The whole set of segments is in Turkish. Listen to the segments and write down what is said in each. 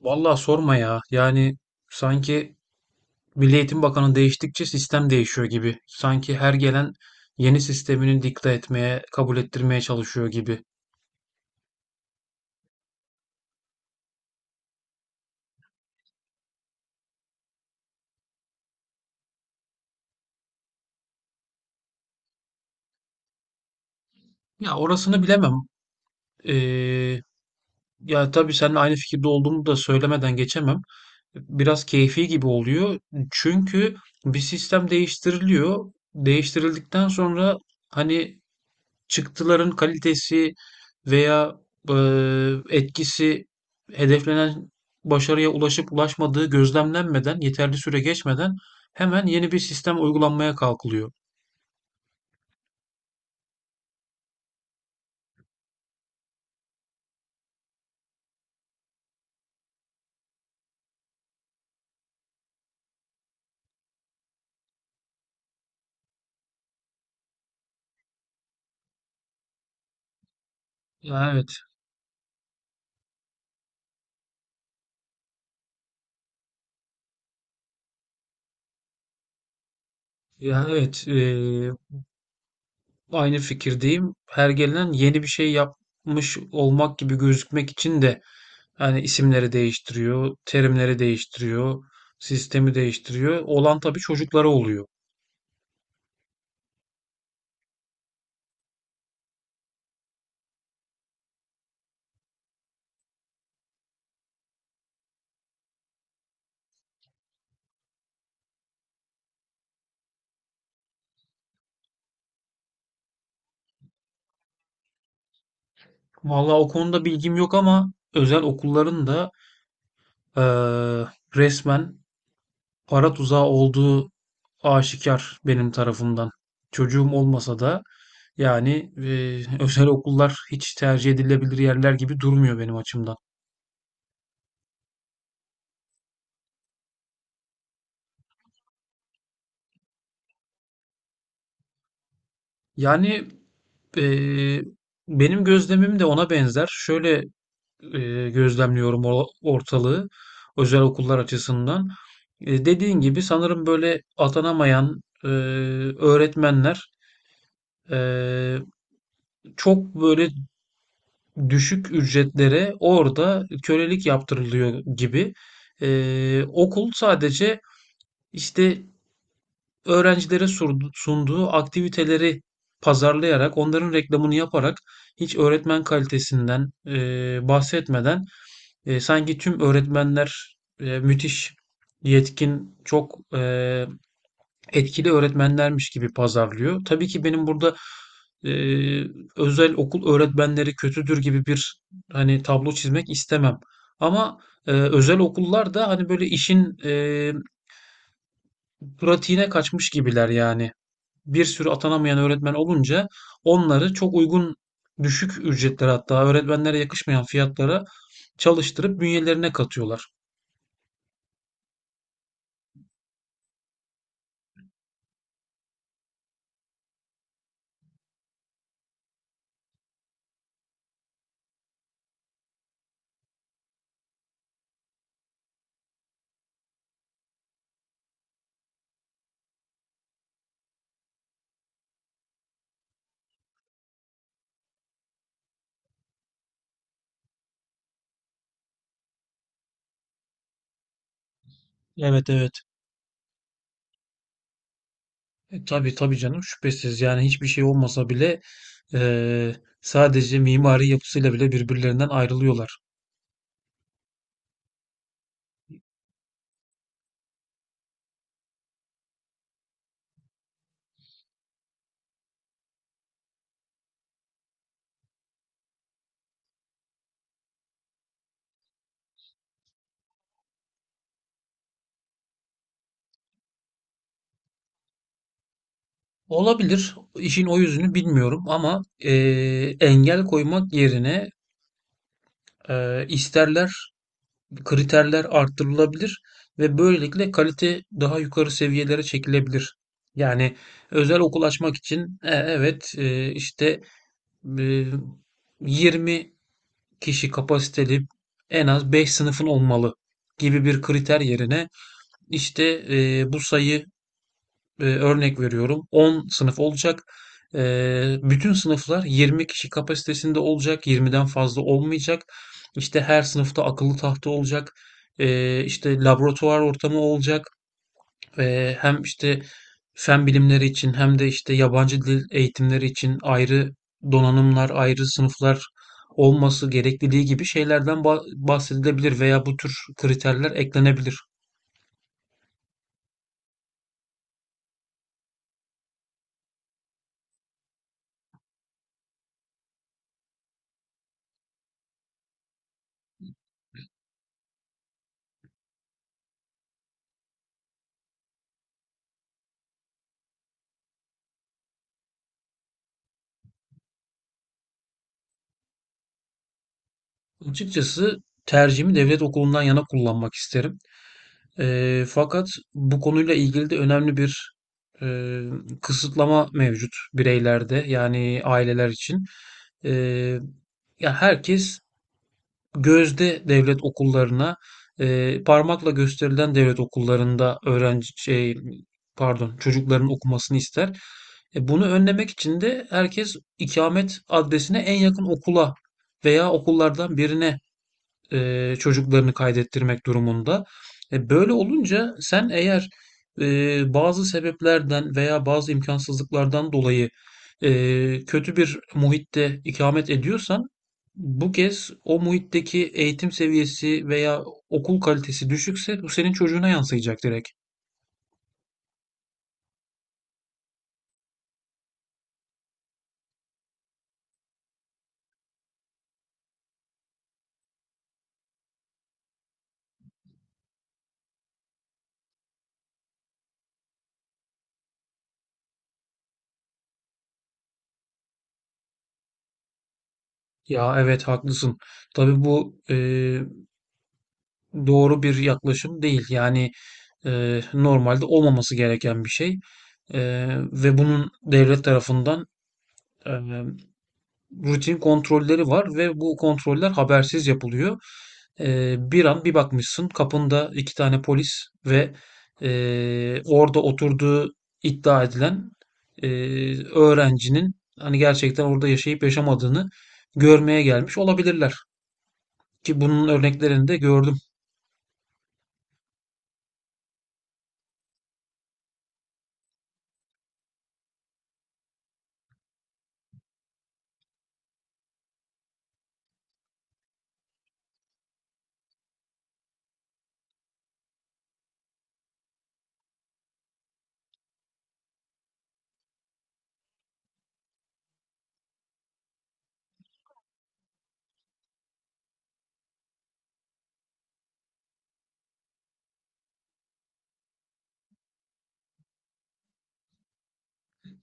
Vallahi sorma ya. Yani sanki Milli Eğitim Bakanı değiştikçe sistem değişiyor gibi. Sanki her gelen yeni sistemini dikte etmeye, kabul ettirmeye çalışıyor gibi. Ya orasını bilemem. Ee, Ya tabii seninle aynı fikirde olduğumu da söylemeden geçemem. Biraz keyfi gibi oluyor. Çünkü bir sistem değiştiriliyor. Değiştirildikten sonra hani çıktıların kalitesi veya etkisi hedeflenen başarıya ulaşıp ulaşmadığı gözlemlenmeden, yeterli süre geçmeden hemen yeni bir sistem uygulanmaya kalkılıyor. Ya evet, ya evet, eee, aynı fikirdeyim. Her gelen yeni bir şey yapmış olmak gibi gözükmek için de yani isimleri değiştiriyor, terimleri değiştiriyor, sistemi değiştiriyor. Olan tabii çocuklara oluyor. Vallahi o konuda bilgim yok ama özel okulların da eee, resmen para tuzağı olduğu aşikar benim tarafımdan. Çocuğum olmasa da yani özel okullar hiç tercih edilebilir yerler gibi durmuyor benim açımdan. Yani eee, benim gözlemim de ona benzer. Şöyle gözlemliyorum ortalığı özel okullar açısından. E, dediğin gibi sanırım böyle atanamayan öğretmenler e, çok böyle düşük ücretlere orada kölelik yaptırılıyor gibi. E, okul sadece işte öğrencilere sunduğu aktiviteleri pazarlayarak, onların reklamını yaparak hiç öğretmen kalitesinden bahsetmeden, E, sanki tüm öğretmenler müthiş yetkin, çok etkili öğretmenlermiş gibi pazarlıyor. Tabii ki benim burada e, özel okul öğretmenleri kötüdür gibi bir hani tablo çizmek istemem. Ama özel okullar da hani böyle işin pratiğine kaçmış gibiler yani. Bir sürü atanamayan öğretmen olunca onları çok uygun düşük ücretlere hatta öğretmenlere yakışmayan fiyatlara çalıştırıp bünyelerine katıyorlar. Evet evet. E, tabii tabii canım şüphesiz. Yani hiçbir şey olmasa bile e, sadece mimari yapısıyla bile birbirlerinden ayrılıyorlar. Olabilir. İşin o yüzünü bilmiyorum ama engel koymak yerine isterler, kriterler arttırılabilir ve böylelikle kalite daha yukarı seviyelere çekilebilir. Yani özel okul açmak için evet işte e, 20 kişi kapasiteli en az 5 sınıfın olmalı gibi bir kriter yerine işte bu sayı, örnek veriyorum, 10 sınıf olacak. E, bütün sınıflar 20 kişi kapasitesinde olacak, 20'den fazla olmayacak. İşte her sınıfta akıllı tahta olacak. E, işte laboratuvar ortamı olacak. Hem işte fen bilimleri için hem de işte yabancı dil eğitimleri için ayrı donanımlar, ayrı sınıflar olması gerekliliği gibi şeylerden bahsedilebilir veya bu tür kriterler eklenebilir. Açıkçası tercihimi devlet okulundan yana kullanmak isterim. Fakat bu konuyla ilgili de önemli bir eee, kısıtlama mevcut bireylerde, yani aileler için. Eee, Ya herkes gözde devlet okullarına, parmakla gösterilen devlet okullarında öğrenci şey pardon çocukların okumasını ister. E, bunu önlemek için de herkes ikamet adresine en yakın okula veya okullardan birine çocuklarını kaydettirmek durumunda. E, böyle olunca sen eğer bazı sebeplerden veya bazı imkansızlıklardan dolayı kötü bir muhitte ikamet ediyorsan, bu kez o muhitteki eğitim seviyesi veya okul kalitesi düşükse bu senin çocuğuna yansıyacak direkt. Ya evet, haklısın. Tabii bu doğru bir yaklaşım değil. Yani normalde olmaması gereken bir şey. E, ve bunun devlet tarafından e, rutin kontrolleri var ve bu kontroller habersiz yapılıyor. E, bir an bir bakmışsın kapında 2 tane polis ve orada oturduğu iddia edilen e, öğrencinin hani gerçekten orada yaşayıp yaşamadığını görmeye gelmiş olabilirler. Ki bunun örneklerini de gördüm.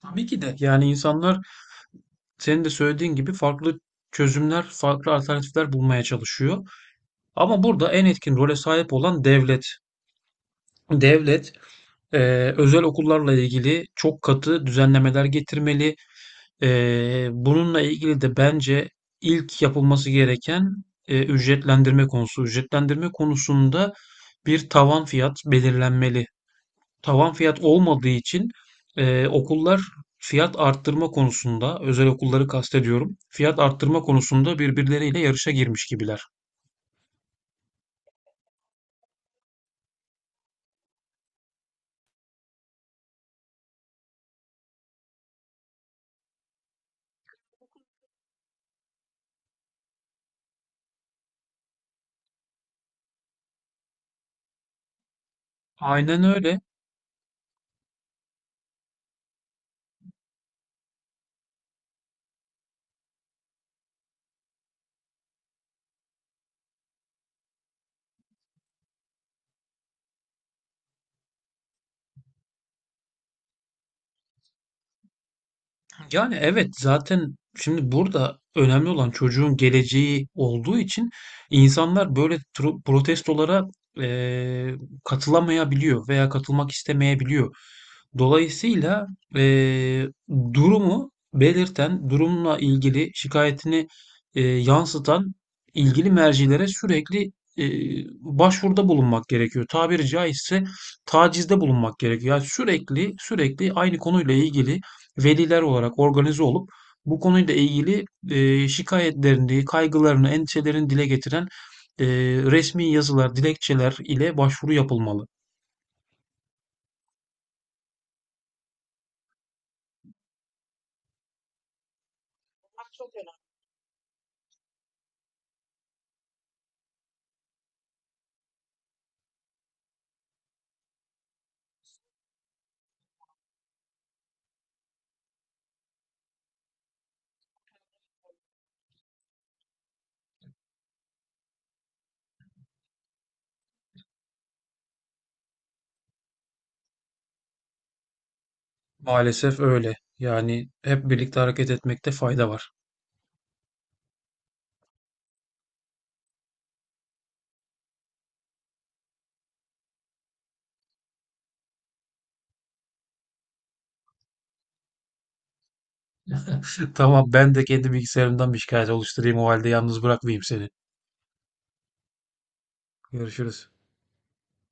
Tabii ki de, yani insanlar senin de söylediğin gibi farklı çözümler, farklı alternatifler bulmaya çalışıyor. Ama burada en etkin role sahip olan devlet. Devlet özel okullarla ilgili çok katı düzenlemeler getirmeli. Bununla ilgili de bence ilk yapılması gereken ücretlendirme konusu. Ücretlendirme konusunda bir tavan fiyat belirlenmeli. Tavan fiyat olmadığı için okullar fiyat arttırma konusunda, özel okulları kastediyorum, fiyat arttırma konusunda birbirleriyle yarışa girmiş gibiler. Aynen öyle. Yani evet, zaten şimdi burada önemli olan çocuğun geleceği olduğu için insanlar böyle protestolara eee, katılamayabiliyor veya katılmak istemeyebiliyor. Dolayısıyla eee, durumu belirten, durumla ilgili şikayetini yansıtan ilgili mercilere sürekli başvuruda bulunmak gerekiyor. Tabiri caizse tacizde bulunmak gerekiyor. Yani sürekli aynı konuyla ilgili veliler olarak organize olup bu konuyla ilgili şikayetlerini, kaygılarını, endişelerini dile getiren e, resmi yazılar, dilekçeler ile başvuru yapılmalı. Maalesef öyle. Yani hep birlikte hareket etmekte fayda var. Tamam, ben de kendi bilgisayarımdan bir şikayet oluşturayım o halde, yalnız bırakmayayım seni. Görüşürüz.